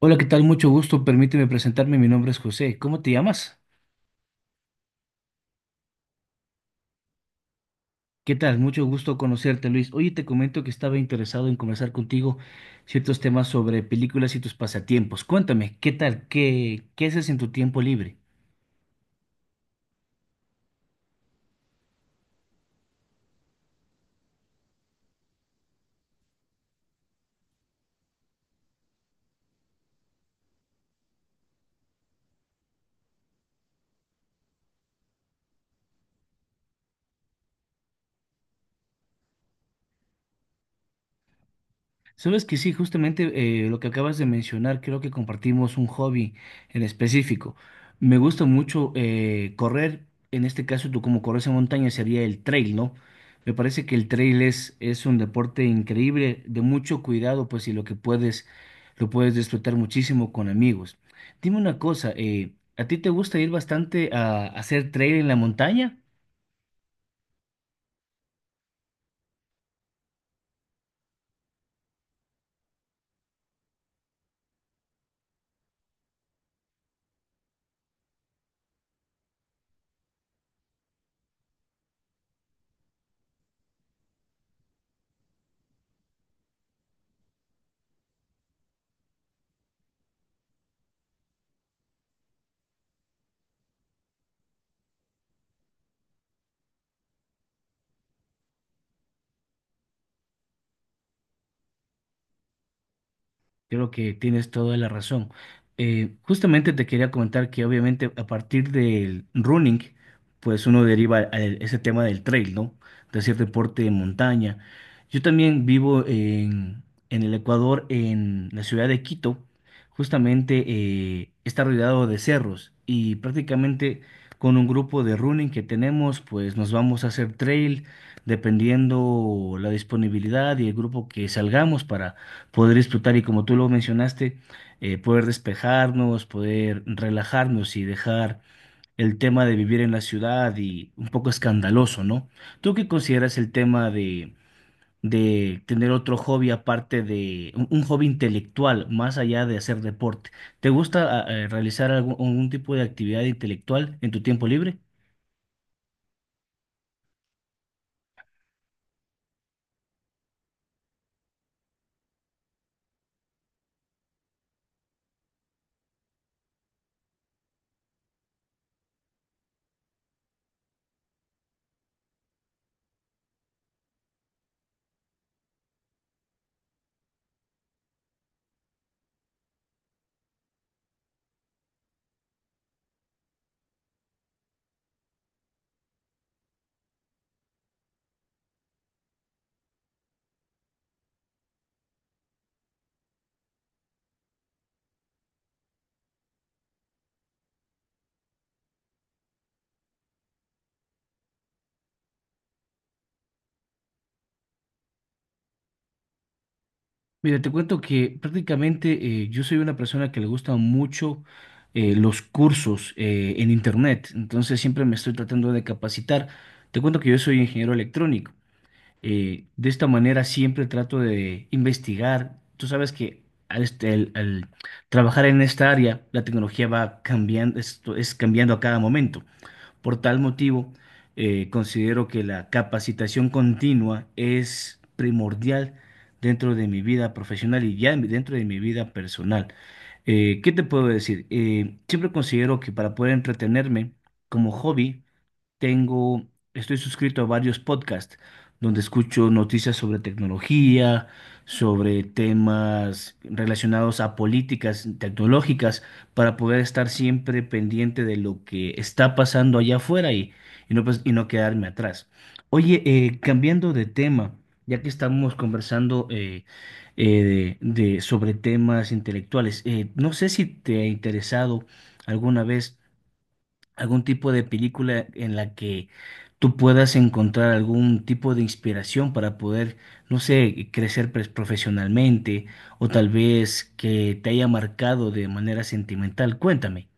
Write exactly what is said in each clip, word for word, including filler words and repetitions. Hola, ¿qué tal? Mucho gusto. Permíteme presentarme. Mi nombre es José. ¿Cómo te llamas? ¿Qué tal? Mucho gusto conocerte, Luis. Oye, te comento que estaba interesado en conversar contigo ciertos temas sobre películas y tus pasatiempos. Cuéntame, ¿qué tal? ¿Qué, qué haces en tu tiempo libre? Sabes que sí, justamente eh, lo que acabas de mencionar, creo que compartimos un hobby en específico. Me gusta mucho eh, correr, en este caso tú como corres en montaña sería el trail, ¿no? Me parece que el trail es, es un deporte increíble, de mucho cuidado, pues y lo que puedes, lo puedes disfrutar muchísimo con amigos. Dime una cosa, eh, ¿a ti te gusta ir bastante a, a hacer trail en la montaña? Creo que tienes toda la razón. Eh, justamente te quería comentar que obviamente a partir del running, pues uno deriva a el- ese tema del trail, ¿no? De hacer deporte de montaña. Yo también vivo en, en el Ecuador, en la ciudad de Quito. Justamente eh, está rodeado de cerros y prácticamente con un grupo de running que tenemos, pues nos vamos a hacer trail dependiendo la disponibilidad y el grupo que salgamos para poder disfrutar y como tú lo mencionaste, eh, poder despejarnos, poder relajarnos y dejar el tema de vivir en la ciudad y un poco escandaloso, ¿no? ¿Tú qué consideras el tema de, de tener otro hobby aparte de un, un hobby intelectual, más allá de hacer deporte? ¿Te gusta ah, eh, realizar algún, algún tipo de actividad intelectual en tu tiempo libre? Mira, te cuento que prácticamente eh, yo soy una persona que le gustan mucho eh, los cursos eh, en internet, entonces siempre me estoy tratando de capacitar. Te cuento que yo soy ingeniero electrónico. Eh, de esta manera siempre trato de investigar. Tú sabes que al, este- al- al trabajar en esta área, la tecnología va cambiando, esto es cambiando a cada momento. Por tal motivo, eh, considero que la capacitación continua es primordial dentro de mi vida profesional y ya en- dentro de mi vida personal. Eh, ¿qué te puedo decir? Eh, siempre considero que para poder entretenerme como hobby, tengo, estoy suscrito a varios podcasts donde escucho noticias sobre tecnología, sobre temas relacionados a políticas tecnológicas, para poder estar siempre pendiente de lo que está pasando allá afuera y, y no, pues- y no quedarme atrás. Oye, eh, cambiando de tema, ya que estamos conversando eh, eh, de, de- sobre temas intelectuales, eh, no sé si te ha interesado alguna vez algún tipo de película en la que tú puedas encontrar algún tipo de inspiración para poder, no sé, crecer pues, profesionalmente o tal vez que te haya marcado de manera sentimental. Cuéntame.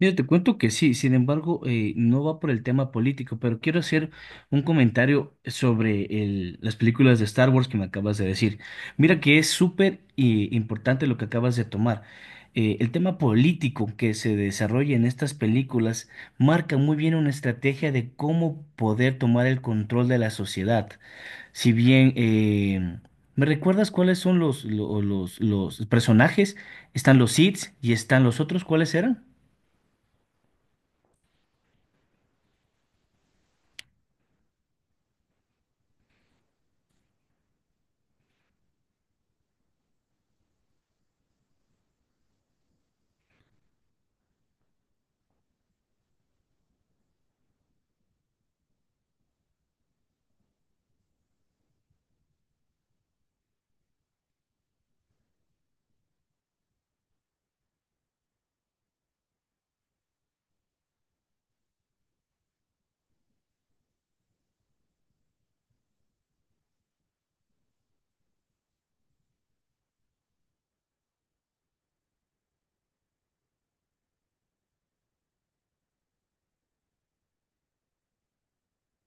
Mira, te cuento que sí, sin embargo, eh, no va por el tema político, pero quiero hacer un comentario sobre el- las películas de Star Wars que me acabas de decir. Mira que es súper eh, importante lo que acabas de tomar. Eh, el tema político que se desarrolla en estas películas marca muy bien una estrategia de cómo poder tomar el control de la sociedad. Si bien, eh, ¿me recuerdas cuáles son los, lo- los, los personajes? Están los Sith y están los otros, ¿cuáles eran?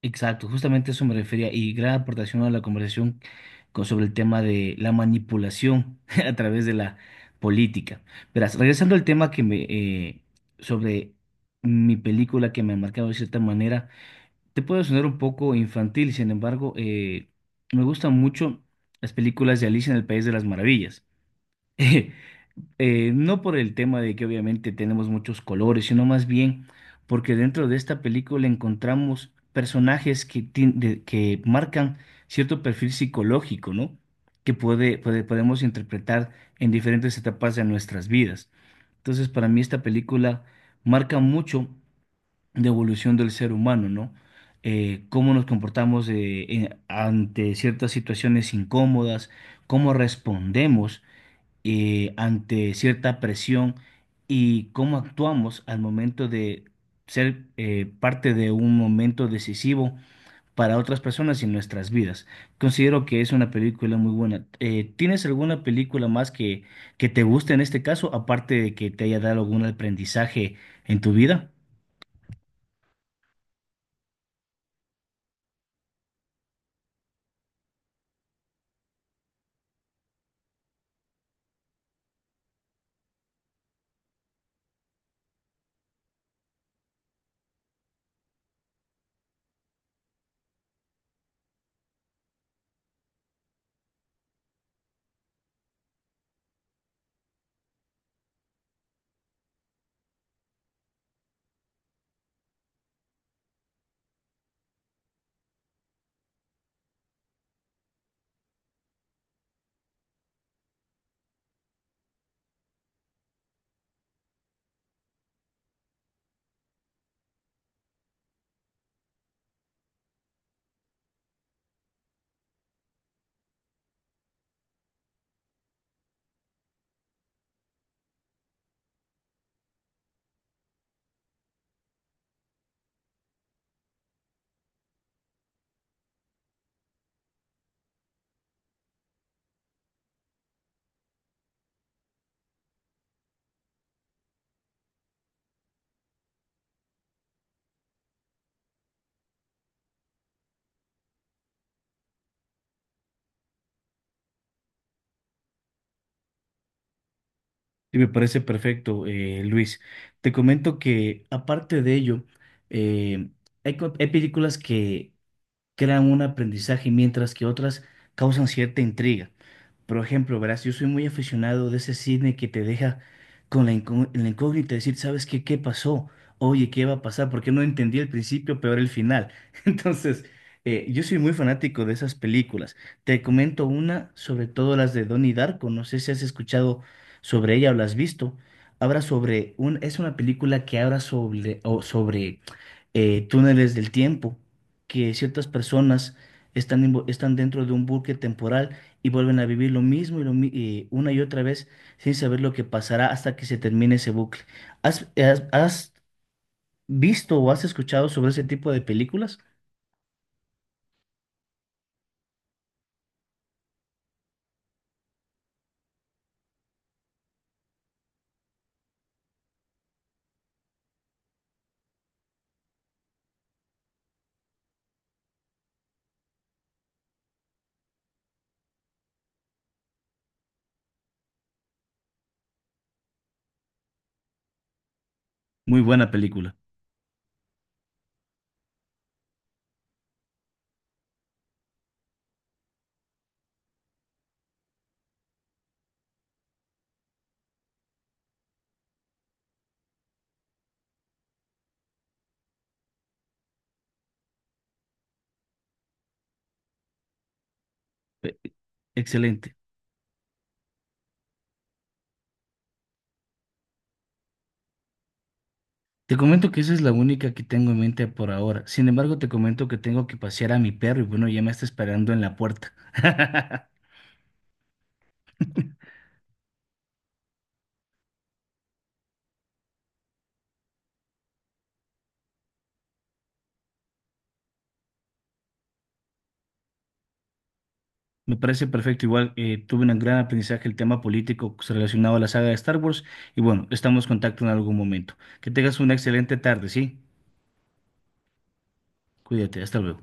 Exacto, justamente eso me refería y gran aportación a la conversación con- sobre el tema de la manipulación a través de la política. Verás, regresando al tema que me eh, sobre mi película que me ha marcado de cierta manera, te puede sonar un poco infantil, sin embargo, eh, me gustan mucho las películas de Alicia en el País de las Maravillas. Eh, no por el tema de que obviamente tenemos muchos colores, sino más bien porque dentro de esta película encontramos personajes que, tien- de- que marcan cierto perfil psicológico, ¿no? Que puede, puede- podemos interpretar en diferentes etapas de nuestras vidas. Entonces, para mí esta película marca mucho de evolución del ser humano, ¿no? Eh, cómo nos comportamos eh, en- ante ciertas situaciones incómodas, cómo respondemos eh, ante cierta presión y cómo actuamos al momento de ser eh, parte de un momento decisivo para otras personas en nuestras vidas. Considero que es una película muy buena. Eh, ¿tienes alguna película más que, que te guste en este caso, aparte de que te haya dado algún aprendizaje en tu vida? Sí, me parece perfecto, eh, Luis. Te comento que aparte de ello, eh, hay, co- hay películas que crean un aprendizaje, mientras que otras causan cierta intriga. Por ejemplo, verás, yo soy muy aficionado de ese cine que te deja con la, incó- la incógnita, decir, ¿sabes qué? ¿Qué pasó? Oye, ¿qué va a pasar? Porque no entendí el principio, peor el final. Entonces, eh, yo soy muy fanático de esas películas. Te comento una, sobre todo las de Donnie Darko. No sé si has escuchado sobre ella o la has visto. Habla sobre un, es una película que habla sobre, o sobre eh, túneles del tiempo que ciertas personas están, invo- están dentro de un bucle temporal y vuelven a vivir lo mismo y, lo mi- y una y otra vez sin saber lo que pasará hasta que se termine ese bucle. ¿Has, has- has visto o has escuchado sobre ese tipo de películas? Muy buena película. E- Excelente. Te comento que esa es la única que tengo en mente por ahora. Sin embargo, te comento que tengo que pasear a mi perro y bueno, ya me está esperando en la puerta. Me parece perfecto. Igual eh, tuve un gran aprendizaje el tema político relacionado a la saga de Star Wars. Y bueno, estamos en contacto en algún momento. Que tengas una excelente tarde, ¿sí? Cuídate, hasta luego.